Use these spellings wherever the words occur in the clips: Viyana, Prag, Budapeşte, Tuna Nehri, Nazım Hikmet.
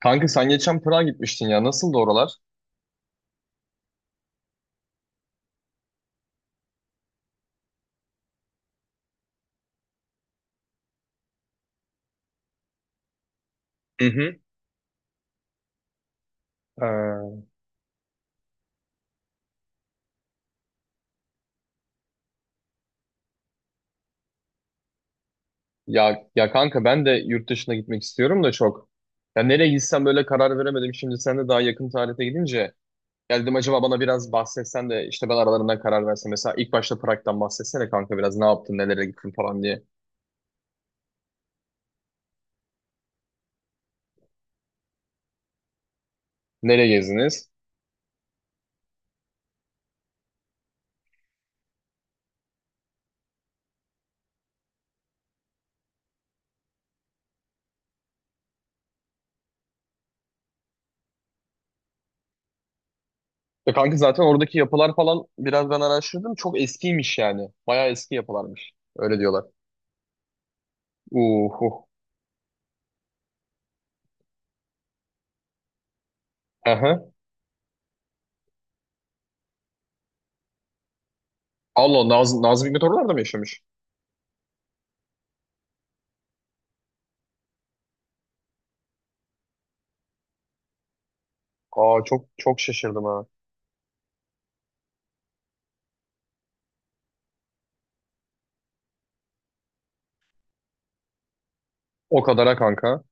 Kanka sen geçen Prag'a gitmiştin ya. Nasıldı oralar? Hı hı. Ee, kanka ben de yurt dışına gitmek istiyorum da çok. Ya nereye gitsem böyle karar veremedim. Şimdi sen de daha yakın tarihte gidince geldim acaba bana biraz bahsetsen de işte ben aralarından karar versem. Mesela ilk başta Prag'dan bahsetsene kanka biraz ne yaptın, nelere gittin falan diye. Nereye gezdiniz? Ya kanka zaten oradaki yapılar falan biraz ben araştırdım. Çok eskiymiş yani. Bayağı eski yapılarmış. Öyle diyorlar. Uhu. Aha. Allah Nazım Hikmet oralarda mı yaşamış? Aa, çok çok şaşırdım ha. O kadara kanka.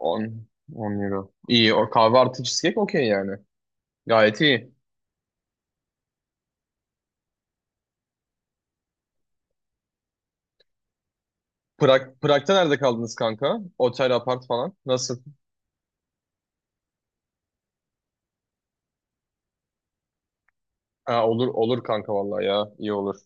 on on euro. İyi o kahve artı cheesecake okey yani. Gayet iyi. Prag'da nerede kaldınız kanka? Otel, apart falan. Nasıl? Ha, olur olur kanka vallahi ya. İyi olur.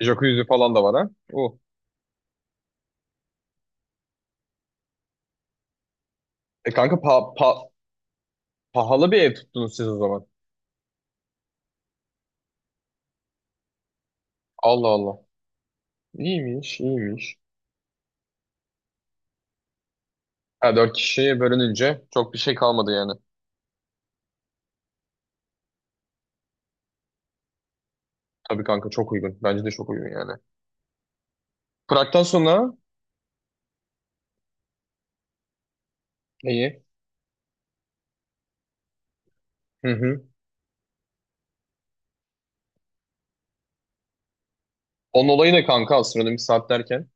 Jacuzzi falan da var ha. E kanka pa, pa- Pahalı bir ev tuttunuz siz o zaman. Allah Allah. İyiymiş, iyiymiş. Ha, 4 kişiye bölününce çok bir şey kalmadı yani. Tabii kanka çok uygun. Bence de çok uygun yani. Prag'dan sonra iyi. Hı hı. Onun olayı ne kanka astronomi saat derken?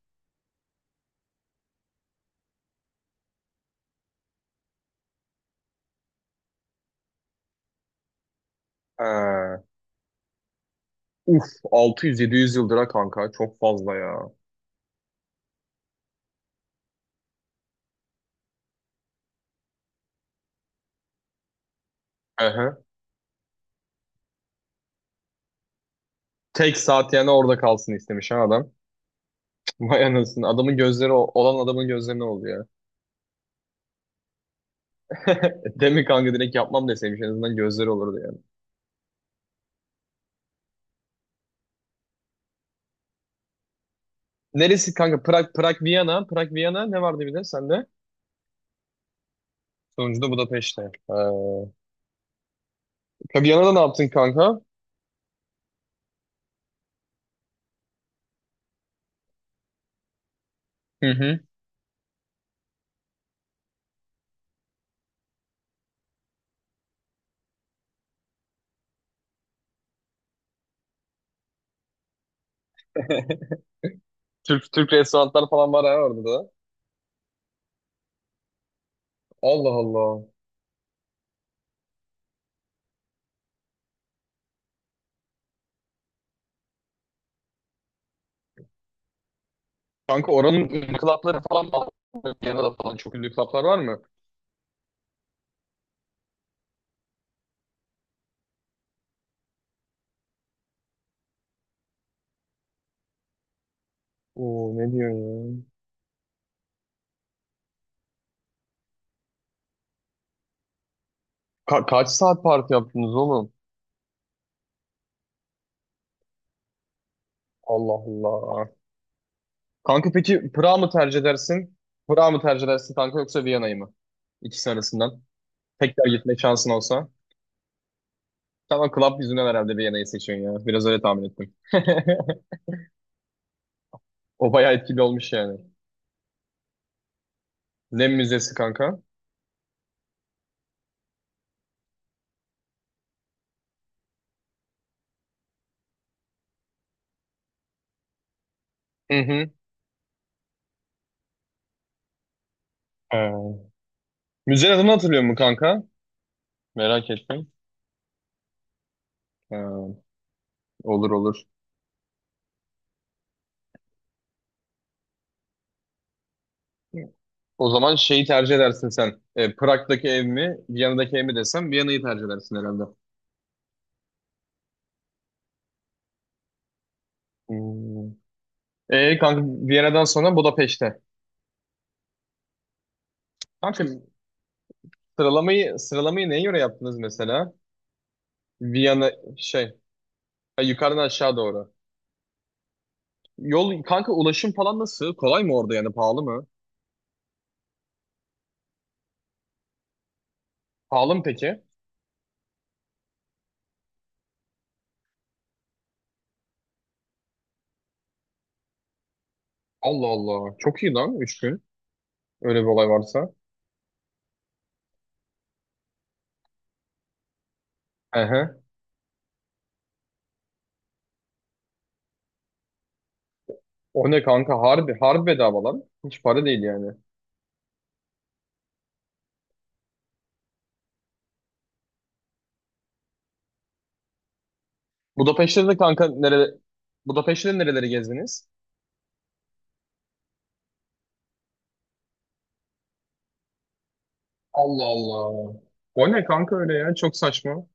Ee, uf 600-700 yıldır ha kanka çok fazla ya. Aha. Tek saat yani orada kalsın istemiş ha adam. Cık, vay anasını. Adamın gözleri olan adamın gözleri ne oldu ya? Demin kanka direkt yapmam deseymiş en azından gözleri olurdu yani. Neresi kanka? Prag, Viyana. Viyana ne vardı bir de sende? Sonucunda Budapeşte. Ee, Viyana'da ne yaptın kanka? Hı hı. Türk restoranlar falan var ha orada da. Allah Allah. Kanka oranın ünlü club'ları falan var mı? Viyana'da falan çok ünlü club'lar var mı? Oo ne diyorsun ya? Kaç saat parti yaptınız oğlum? Allah Allah. Kanka peki Prag'ı mı tercih edersin? Prag'ı mı tercih edersin kanka yoksa Viyana'yı mı? İkisi arasından. Tekrar gitme şansın olsa. Tamam, club yüzünden herhalde Viyana'yı seçiyorsun ya. Biraz öyle tahmin ettim. O bayağı etkili olmuş yani. Lem Müzesi kanka. Hı hı. Ee, Müzenin adını hatırlıyor musun kanka? Merak ettim. Ee, olur olur. O zaman şeyi tercih edersin sen. E, Prag'daki ev mi, Viyana'daki ev mi desem Viyana'yı tercih edersin herhalde. Hmm. E, kanka Viyana'dan sonra Budapeşte. Kanka sıralamayı neye göre yaptınız mesela? Viyana şey Ha, yukarıdan aşağı doğru. Yol kanka ulaşım falan nasıl? Kolay mı orada yani pahalı mı? Pahalı mı peki? Allah Allah. Çok iyi lan üç gün. Öyle bir olay varsa. Ehe. O ne kanka, harbi harbi bedava lan. Hiç para değil yani. Budapeşte'de de kanka nere Budapeşte'de nereleri gezdiniz? Allah Allah. O ne kanka öyle ya? Çok saçma.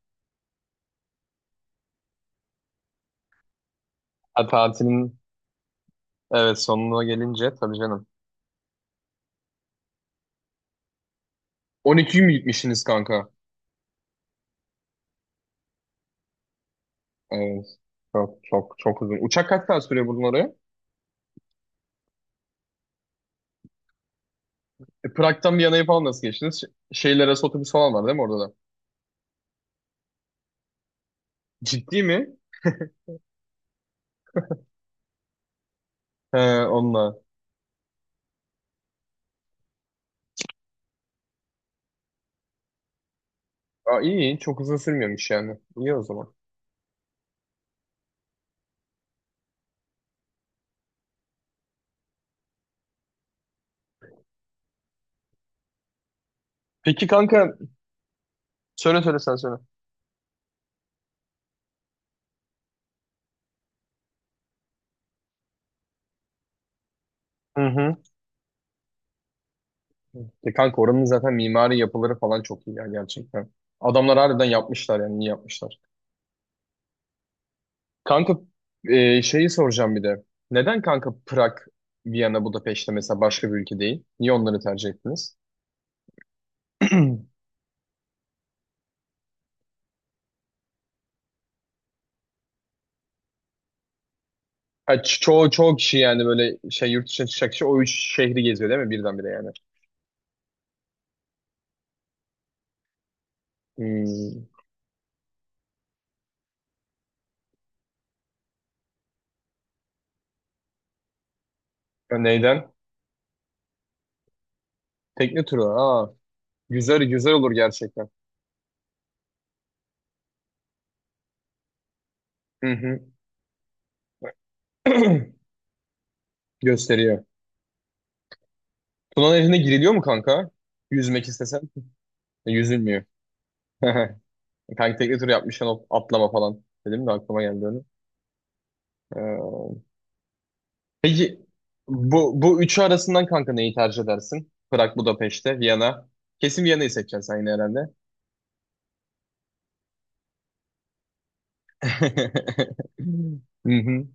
Ha, tatilin evet sonuna gelince tabii canım. 12 gün mü gitmişsiniz kanka? Evet. Çok çok çok uzun. Uçak kaç saat sürüyor buradan oraya? E, Prag'dan Viyana'ya falan nasıl geçtiniz? Şeyler arası otobüs falan var değil mi orada da? Ciddi mi? He, onunla. Aa, iyi iyi. Çok uzun sürmüyormuş yani. İyi o zaman. Peki kanka, söyle söyle sen söyle. Hı hı. E kanka oranın zaten mimari yapıları falan çok iyi ya gerçekten. Adamlar harbiden yapmışlar yani iyi yapmışlar. Kanka e, şeyi soracağım bir de. Neden kanka Prag, Viyana, Budapeşte mesela başka bir ülke değil? Niye onları tercih ettiniz? Ha, çoğu kişi yani böyle şey yurt dışına çıkacak kişi o üç şehri geziyor değil mi birdenbire yani? Hmm. Ya neyden? Tekne turu. Aa, güzel güzel olur gerçekten. Hı hı. Gösteriyor. Tuna Nehri'ne giriliyor mu kanka? Yüzmek istesen. E, yüzülmüyor. Kanka tekne turu yapmışken o atlama falan. Dedim de aklıma geldi onu. Ee, Peki bu üçü arasından kanka neyi tercih edersin? Prag, Budapeşte, Viyana. Kesin Viyana'yı seçeceksin sen yine herhalde. Hı hı.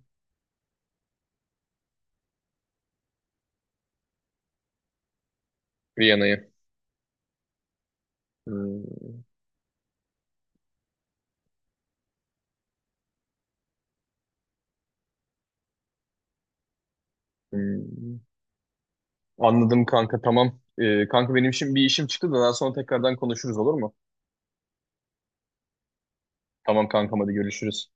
Viyana'yı. Hmm, hmm. Anladım kanka tamam. Kanka benim şimdi bir işim çıktı da daha sonra tekrardan konuşuruz olur mu? Tamam kankam, hadi görüşürüz.